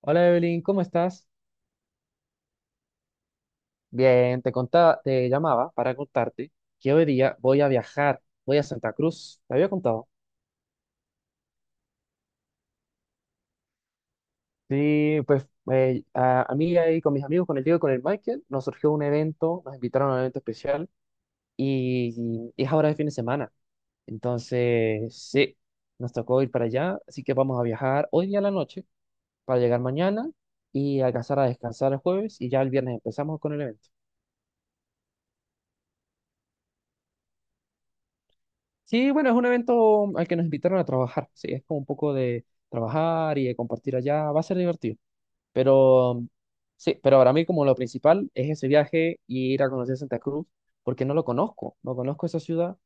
Hola Evelyn, ¿cómo estás? Bien, te contaba, te llamaba para contarte que hoy día voy a viajar, voy a Santa Cruz. ¿Te había contado? Sí, pues a mí ahí con mis amigos, con el Diego y con el Michael, nos surgió un evento, nos invitaron a un evento especial y, y es ahora de fin de semana. Entonces, sí, nos tocó ir para allá, así que vamos a viajar hoy día a la noche para llegar mañana y alcanzar a descansar el jueves, y ya el viernes empezamos con el evento. Sí, bueno, es un evento al que nos invitaron a trabajar, sí, es como un poco de trabajar y de compartir allá, va a ser divertido, pero sí, pero para mí como lo principal es ese viaje y ir a conocer Santa Cruz, porque no lo conozco, no conozco esa ciudad,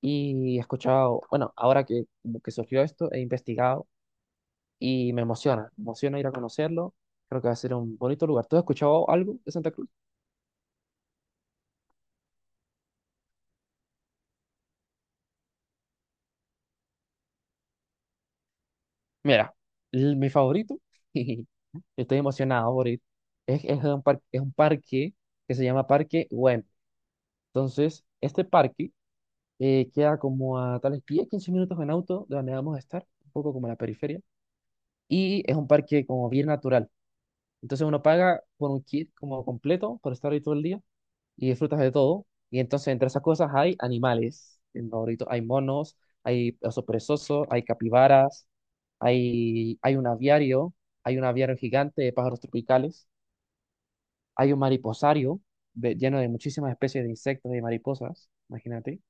y he escuchado, bueno, ahora que, como que surgió esto, he investigado y me emociona ir a conocerlo, creo que va a ser un bonito lugar. ¿Tú has escuchado algo de Santa Cruz? Mira, mi favorito, estoy emocionado por ir, es un parque que se llama Parque Güemes. Entonces, este parque queda como a tales 10 15 minutos en auto de donde vamos a estar, un poco como en la periferia, y es un parque como bien natural. Entonces uno paga por un kit como completo por estar ahí todo el día y disfrutas de todo. Y entonces entre esas cosas hay animales, en Maurito hay monos, hay osos perezosos, hay capibaras, hay un aviario, hay un aviario gigante de pájaros tropicales, hay un mariposario lleno de muchísimas especies de insectos y mariposas, imagínate.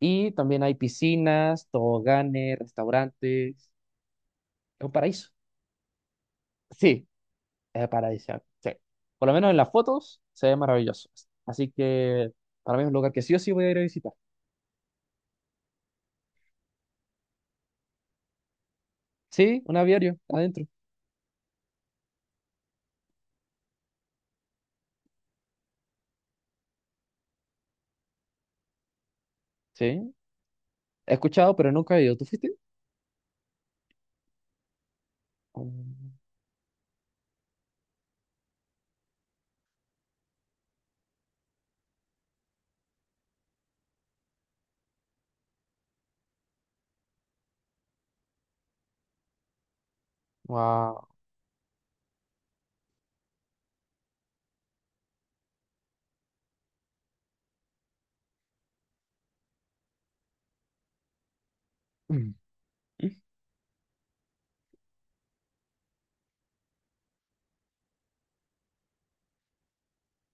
Y también hay piscinas, toboganes, restaurantes, es un paraíso. Sí, es paradisíaco, sí. Por lo menos en las fotos se ve maravilloso. Así que para mí es un lugar que sí o sí voy a ir a visitar. Sí, un aviario adentro. Sí, he escuchado, pero nunca he ido. ¿Tú fuiste? Wow.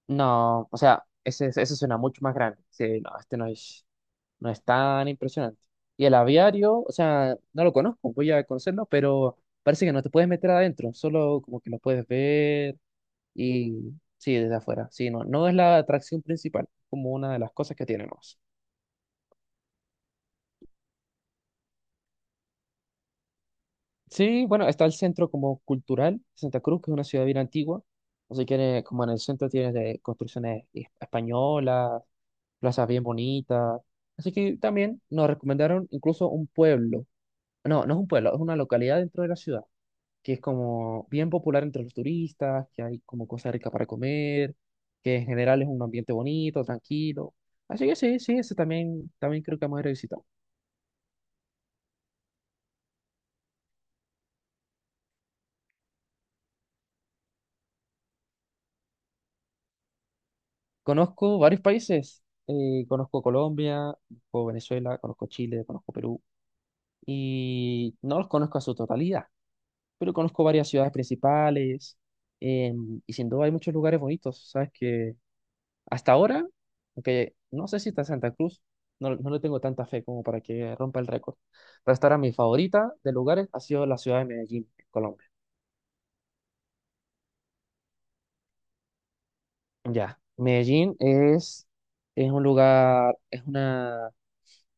No, o sea, ese suena mucho más grande. Sí, no, este no es, no es tan impresionante. Y el aviario, o sea, no lo conozco, voy a conocerlo, pero parece que no te puedes meter adentro, solo como que lo puedes ver, y sí, desde afuera. Sí, no, no es la atracción principal, como una de las cosas que tiene más. Sí, bueno, está el centro como cultural, Santa Cruz, que es una ciudad bien antigua. Así que en como en el centro tienes de construcciones españolas, plazas bien bonitas. Así que también nos recomendaron incluso un pueblo. No, no es un pueblo, es una localidad dentro de la ciudad, que es como bien popular entre los turistas, que hay como cosas ricas para comer, que en general es un ambiente bonito, tranquilo. Así que sí, sí, ese también, también creo que vamos a ir a visitar. Conozco varios países. Conozco Colombia, conozco Venezuela, conozco Chile, conozco Perú. Y no los conozco a su totalidad, pero conozco varias ciudades principales. Y sin duda hay muchos lugares bonitos. Sabes que hasta ahora, aunque no sé si está Santa Cruz, no, no le tengo tanta fe como para que rompa el récord. Pero hasta ahora mi favorita de lugares ha sido la ciudad de Medellín, en Colombia. Ya, Medellín es un lugar, es una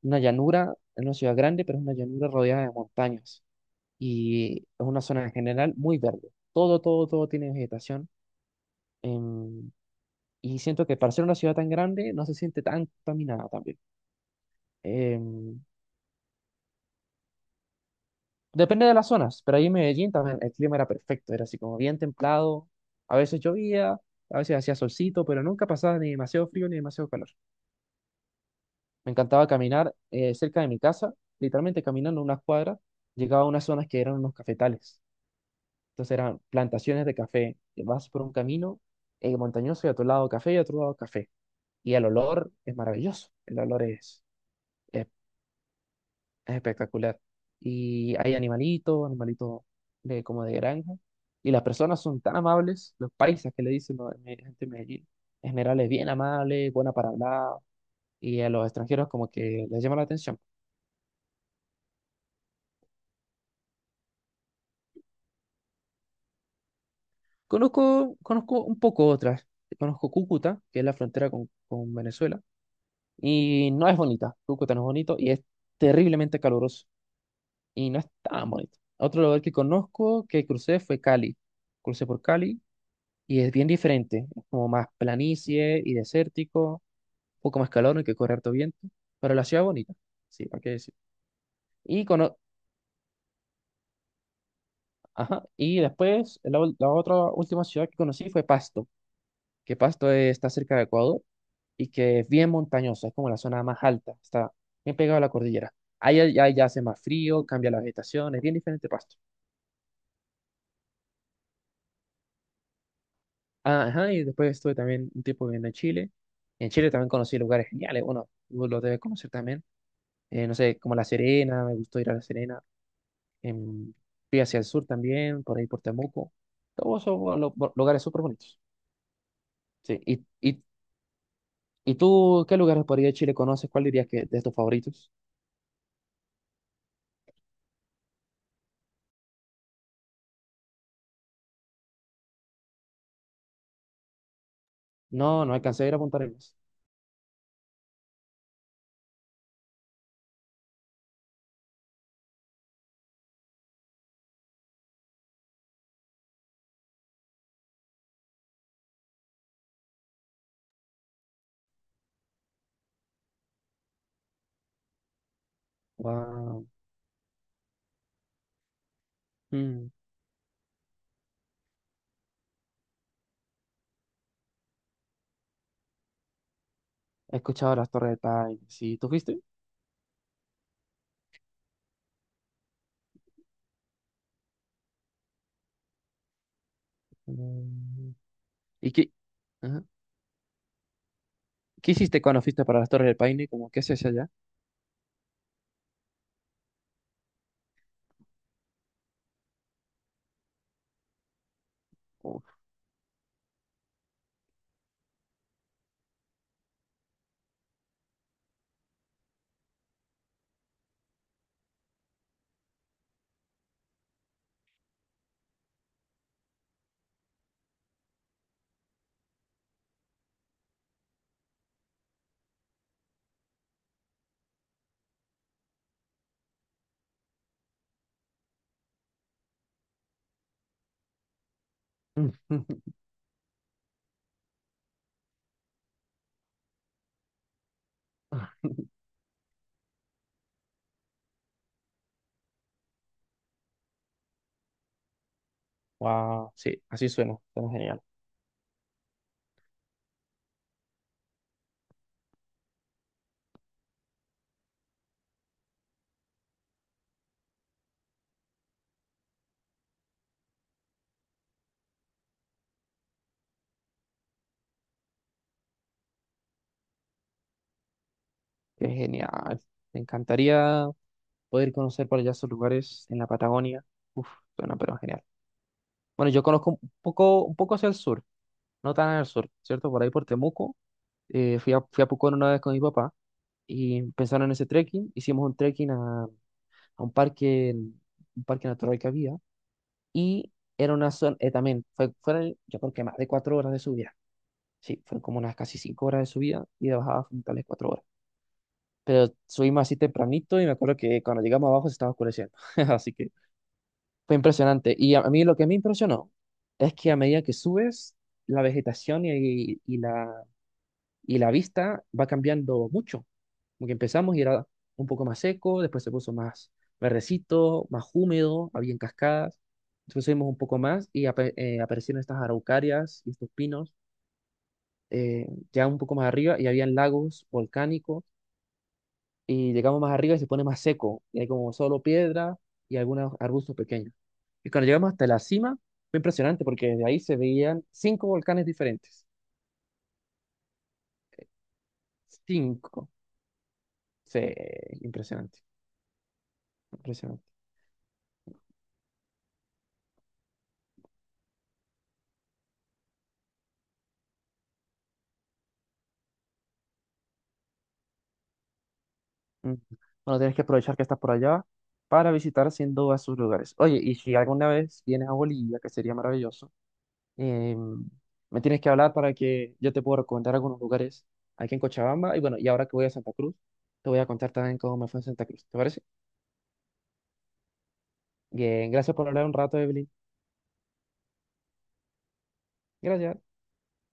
una llanura, es una ciudad grande, pero es una llanura rodeada de montañas. Y es una zona en general muy verde. Todo, todo, todo tiene vegetación. em, y siento que para ser una ciudad tan grande no se siente tan contaminada también. Em, Depende de las zonas, pero ahí en Medellín también el clima era perfecto. Era así como bien templado. A veces llovía, a veces hacía solcito, pero nunca pasaba ni demasiado frío ni demasiado calor. Me encantaba caminar cerca de mi casa, literalmente caminando unas cuadras, llegaba a unas zonas que eran unos cafetales. Entonces eran plantaciones de café. Vas por un camino montañoso, y a tu lado café y a tu lado café. Y el olor es maravilloso. El olor es, es espectacular. Y hay animalitos, animalitos de, como de granja. Y las personas son tan amables, los paisas que le dicen la gente de Medellín. En general es bien amable, buena para hablar. Y a los extranjeros como que les llama la atención. Conozco, conozco un poco otras. Conozco Cúcuta, que es la frontera con Venezuela. Y no es bonita, Cúcuta no es bonito y es terriblemente caluroso y no es tan bonito. Otro lugar que conozco que crucé fue Cali. Crucé por Cali y es bien diferente, es como más planicie y desértico, un poco más calor, no hay que correr harto viento, pero la ciudad es bonita, sí, hay que decir. Y, cono- Ajá. Y después la otra última ciudad que conocí fue Pasto. Que Pasto está cerca de Ecuador, y que es bien montañoso, es como la zona más alta, está bien pegado a la cordillera. Ahí ya hace más frío, cambia la vegetación, es bien diferente Pasto. Ah, ajá, y después estuve también un tiempo viviendo en Chile. En Chile también conocí lugares geniales, bueno, vos los debes conocer también. No sé, como La Serena, me gustó ir a La Serena. Em, Fui hacia el sur también, por ahí por Temuco. Todos esos lugares súper bonitos. Sí, ¿y tú qué lugares por ahí de Chile conoces? ¿Cuál dirías que es de tus favoritos? No, no alcancé a ir a Punta Arenas. Wow. Mm. He escuchado las Torres de Paine. Sí, ¿tú fuiste? Mm. ¿Y qué, ajá. ¿Qué hiciste cuando fuiste para las Torres del Paine? Como, ¿qué haces allá? Como, wow, sí, así suena. Suena genial. Qué genial. Me encantaría poder conocer por allá esos lugares en la Patagonia. Uf, suena pero genial. Bueno, yo conozco un poco hacia el sur, no tan al sur, ¿cierto? Por ahí por Temuco. Fui a Pucón una vez con mi papá. Y empezaron ese trekking. Hicimos un trekking a un parque natural que había y era una zona, también fueron yo creo que más de 4 horas de subida. Sí, fueron como unas casi 5 horas de subida y de bajada fueron tales 4 horas. Pero subimos así tempranito y me acuerdo que cuando llegamos abajo se estaba oscureciendo. Así que fue impresionante. Y a mí lo que me impresionó es que a medida que subes, la vegetación y la vista va cambiando mucho. Como que empezamos y era un poco más seco, después se puso más verdecito, más húmedo, había cascadas. Después subimos un poco más y aparecieron estas araucarias y estos pinos, ya un poco más arriba, y habían lagos volcánicos. Y llegamos más arriba y se pone más seco, y hay como solo piedra y algunos arbustos pequeños. Y cuando llegamos hasta la cima, fue impresionante porque desde ahí se veían cinco volcanes diferentes. Cinco. Sí, impresionante, impresionante. Mm. Bueno, tienes que aprovechar que estás por allá para visitar sin duda sus lugares. Oye, y si alguna vez vienes a Bolivia, que sería maravilloso, eh, me tienes que hablar para que yo te pueda recomendar algunos lugares aquí en Cochabamba. Y bueno, y ahora que voy a Santa Cruz, te voy a contar también cómo me fue en Santa Cruz. ¿Te parece? Bien, gracias por hablar un rato, Evelyn. Gracias.